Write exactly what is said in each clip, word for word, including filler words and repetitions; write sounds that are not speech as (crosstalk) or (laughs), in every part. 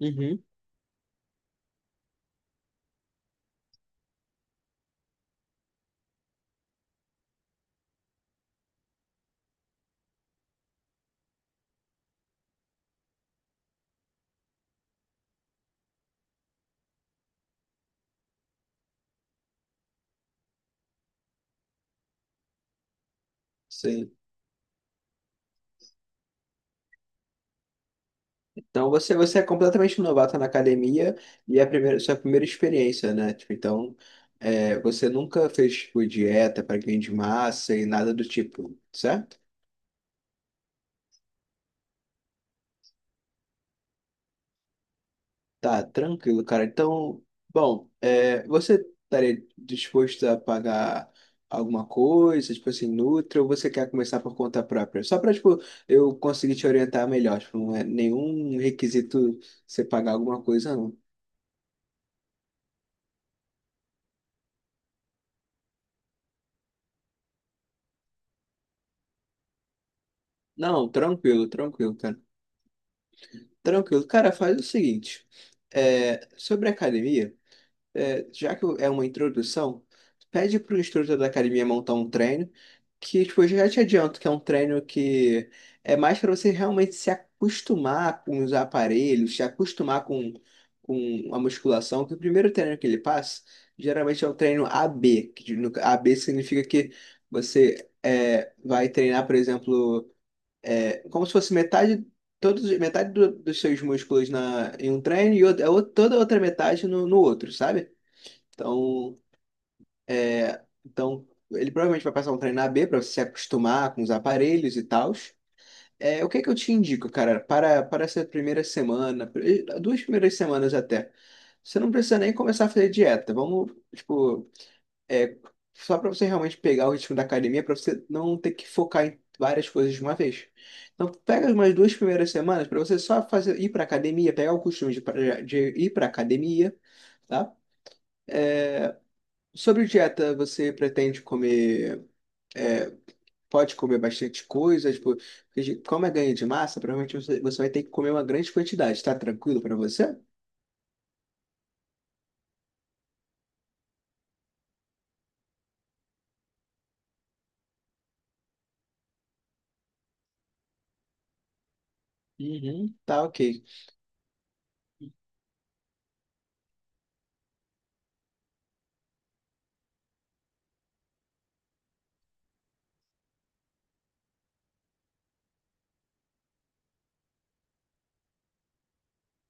Uhum. Sim. Então você, você é completamente novato na academia e é a primeira, sua primeira experiência, né? Tipo, então é, você nunca fez tipo, dieta para ganho de massa e nada do tipo, certo? Tá, tranquilo, cara. Então, bom, é, você estaria disposto a pagar alguma coisa, tipo assim, Nutri, ou você quer começar por conta própria? Só para, tipo, eu conseguir te orientar melhor. Tipo, não é nenhum requisito você pagar alguma coisa, não. Não, tranquilo, tranquilo, cara. Tranquilo. Cara, faz o seguinte, é, sobre a academia, é, já que é uma introdução, pede pro instrutor da academia montar um treino, que tipo, eu já te adianto que é um treino que é mais para você realmente se acostumar com os aparelhos, se acostumar com, com a musculação, que o primeiro treino que ele passa, geralmente é o treino A B, que no- A B significa que você é, vai treinar, por exemplo é, como se fosse metade, todos, metade do- dos seus músculos na, em um treino e outra, ou- toda a outra metade no, no outro, sabe? Então, é, então, ele provavelmente vai passar um treino A B para você se acostumar com os aparelhos e tals. É, o que é que eu te indico, cara, para, para essa primeira semana, eh, duas primeiras semanas até. Você não precisa nem começar a fazer dieta. Vamos, tipo, é só para você realmente pegar o ritmo da academia, para você não ter que focar em várias coisas de uma vez. Então, pega umas duas primeiras semanas para você só fazer ir para academia, pegar o costume de, pra- de ir para academia, tá? Sobre dieta, você pretende comer, é, pode comer bastante coisa, tipo, porque como é ganho de massa, provavelmente você, você vai ter que comer uma grande quantidade. Tá tranquilo para você? Uhum, tá ok.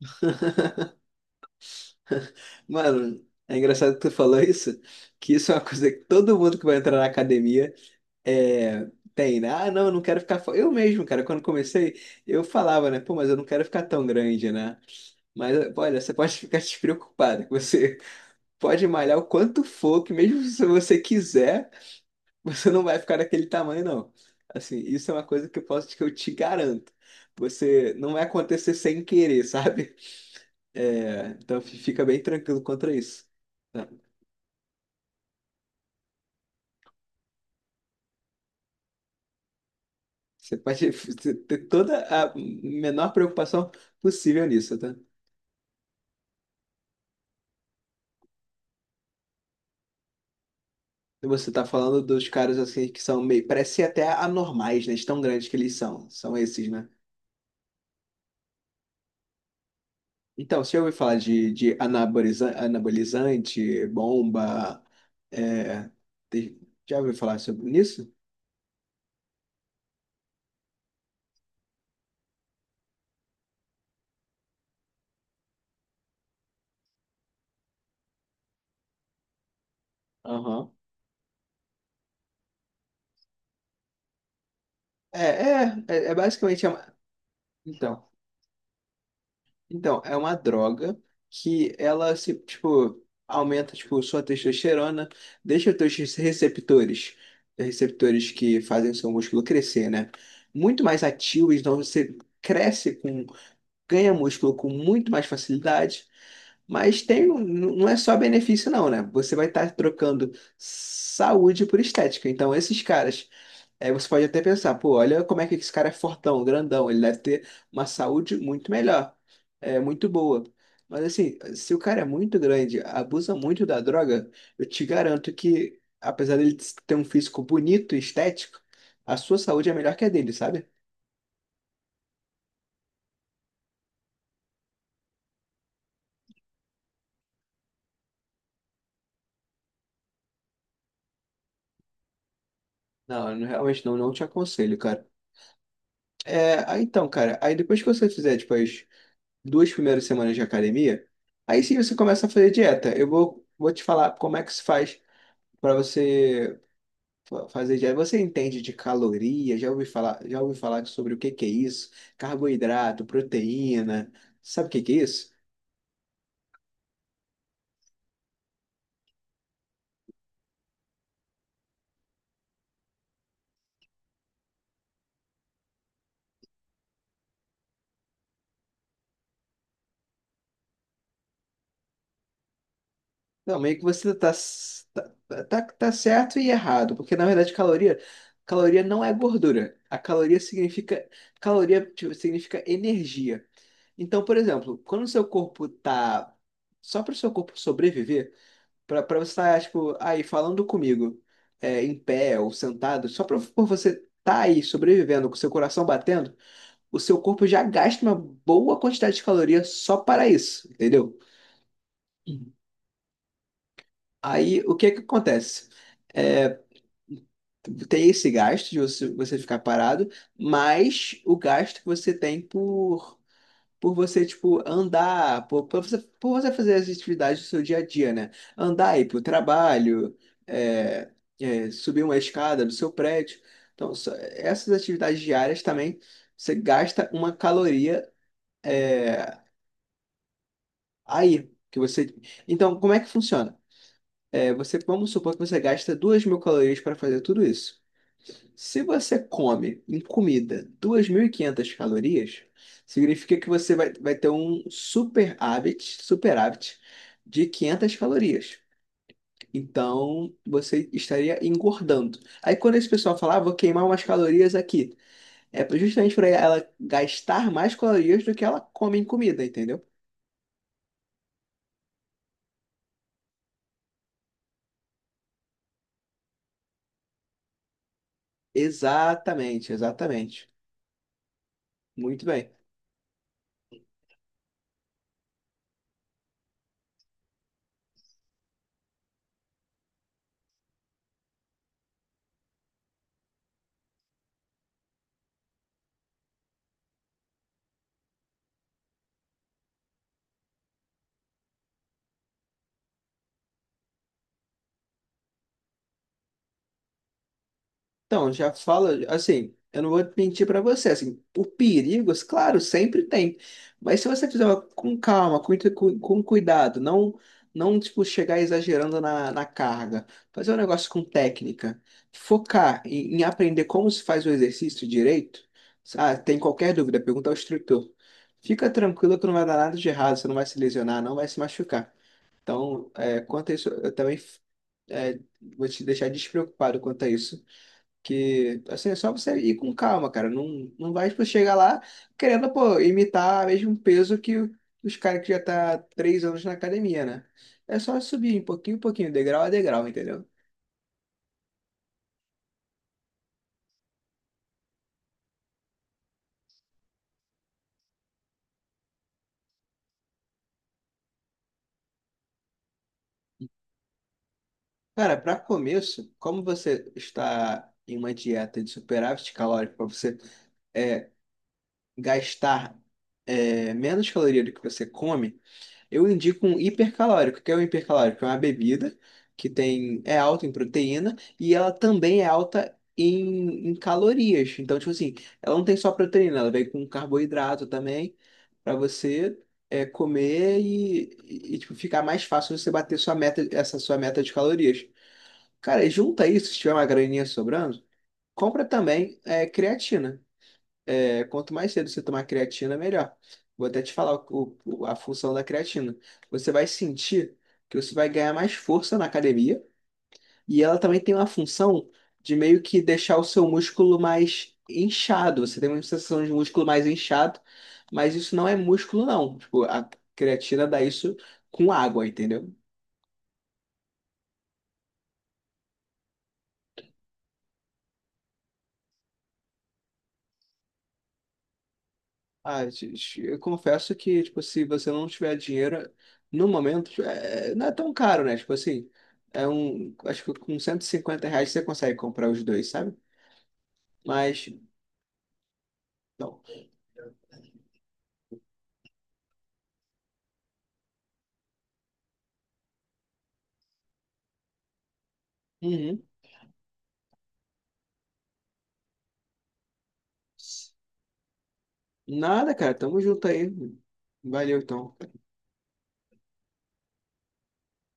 (laughs) Mano, é engraçado que tu falou isso, que isso é uma coisa que todo mundo que vai entrar na academia é, tem, né? Ah, não, eu não quero ficar. fo- Eu mesmo, cara, quando comecei, eu falava, né? Pô, mas eu não quero ficar tão grande, né? Mas olha, você pode (laughs) ficar despreocupado, que você (laughs) pode malhar o quanto for, que mesmo se você quiser, você não vai ficar daquele tamanho, não. Assim, isso é uma coisa que eu posso, que eu te garanto. Você não vai acontecer sem querer, (laughs) sabe? É, então fi- fica bem tranquilo contra isso, tá? Você pode f- ter toda a menor preocupação possível nisso, tá? E você tá falando dos caras assim que são meio, parecem até anormais, né? De tão grandes que eles são. São esses, né? Então, você já ouviu falar de, de anaboliza- anabolizante, bomba? é, te- já ouviu falar sobre isso? Aham. É, é, é, é basicamente. é uma- então, então, é uma droga que ela se, tipo, aumenta, tipo, sua testosterona, deixa os teus receptores, receptores que fazem o seu músculo crescer, né, muito mais ativos. Então você cresce com, ganha músculo com muito mais facilidade. Mas tem, não é só benefício, não, né? Você vai estar trocando saúde por estética. Então, esses caras, é, você pode até pensar, pô, olha como é que esse cara é fortão, grandão, ele deve ter uma saúde muito melhor, é muito boa. Mas assim, se o cara é muito grande, abusa muito da droga, eu te garanto que, apesar dele ter um físico bonito e estético, a sua saúde é melhor que a dele, sabe? Não, eu não- realmente não, não te aconselho, cara. É, aí então, cara, aí depois que você fizer, depois duas primeiras semanas de academia, aí sim você começa a fazer dieta. Eu vou, vou te falar como é que se faz para você fa- fazer dieta. Você entende de caloria? Já ouvi falar, já ouvi falar sobre o que que é isso? Carboidrato, proteína, sabe o que que é isso? Não, meio que você tá, s- tá, tá, tá certo e errado, porque na verdade caloria, caloria não é gordura. A caloria significa, caloria tipo, significa energia. Então, por exemplo, quando o seu corpo tá só para o seu corpo sobreviver, pra, pra você estar, tipo, aí falando comigo, é, em pé ou sentado, só pra, por você estar aí sobrevivendo, com seu coração batendo, o seu corpo já gasta uma boa quantidade de calorias só para isso, entendeu? Aí, o que que acontece? É, tem esse gasto de você, você ficar parado, mais o gasto que você tem por por você, tipo, andar, por, por você, por você fazer as atividades do seu dia a dia, né? Andar, ir pro trabalho, é, é, subir uma escada do seu prédio. Então, só- essas atividades diárias também, você gasta uma caloria aí, que você. Então, como é que funciona? É, você, vamos supor que você gasta duas mil calorias para fazer tudo isso. Se você come em comida duas mil e quinhentas calorias, significa que você vai, vai ter um superávit, superávit de quinhentas calorias. Então, você estaria engordando. Aí, quando esse pessoal fala, ah, vou queimar umas calorias aqui, é pra- justamente para ela gastar mais calorias do que ela come em comida, entendeu? Exatamente, exatamente. Muito bem. Então, já fala, assim, eu não vou mentir pra você, assim, o perigos, claro, sempre tem, mas se você fizer uma- com calma, com, com, com cuidado, não, não, tipo, chegar exagerando na, na carga, fazer um negócio com técnica, focar em, em aprender como se faz o exercício direito, ah, tem qualquer dúvida, pergunta ao instrutor. Fica tranquilo que não vai dar nada de errado, você não vai se lesionar, não vai se machucar. Então, é, quanto a isso, eu também é, vou te deixar despreocupado quanto a isso. Que, assim, é só você ir com calma, cara. Não, não vai, tipo, chegar lá querendo, pô, imitar o mesmo peso que o- os caras que já tá três anos na academia, né? É só subir um pouquinho, um pouquinho, degrau a degrau, entendeu? Cara, para começo, como você está em uma dieta de superávit calórico, para você é, gastar é, menos caloria do que você come, eu indico um hipercalórico. O que é um hipercalórico? É uma bebida que tem, é alta em proteína e ela também é alta em, em calorias. Então, tipo assim, ela não tem só proteína, ela vem com carboidrato também para você é, comer e, e, e, tipo, ficar mais fácil você bater sua meta, essa sua meta de calorias. Cara, e junta isso, se tiver uma graninha sobrando, compra também é, creatina. É, quanto mais cedo você tomar creatina, melhor. Vou até te falar o- o- a função da creatina. Você vai sentir que você vai ganhar mais força na academia e ela também tem uma função de meio que deixar o seu músculo mais inchado. Você tem uma sensação de músculo mais inchado, mas isso não é músculo, não. Tipo, a creatina dá isso com água, entendeu? Ah, ti- ti- eu confesso que, tipo, se você não tiver dinheiro, no momento, tipo, é- não é tão caro, né? Tipo assim, é um, acho que com cento e cinquenta reais você consegue comprar os dois, sabe? Mas, não. Uhum. Nada, cara, tamo junto aí. Valeu, então.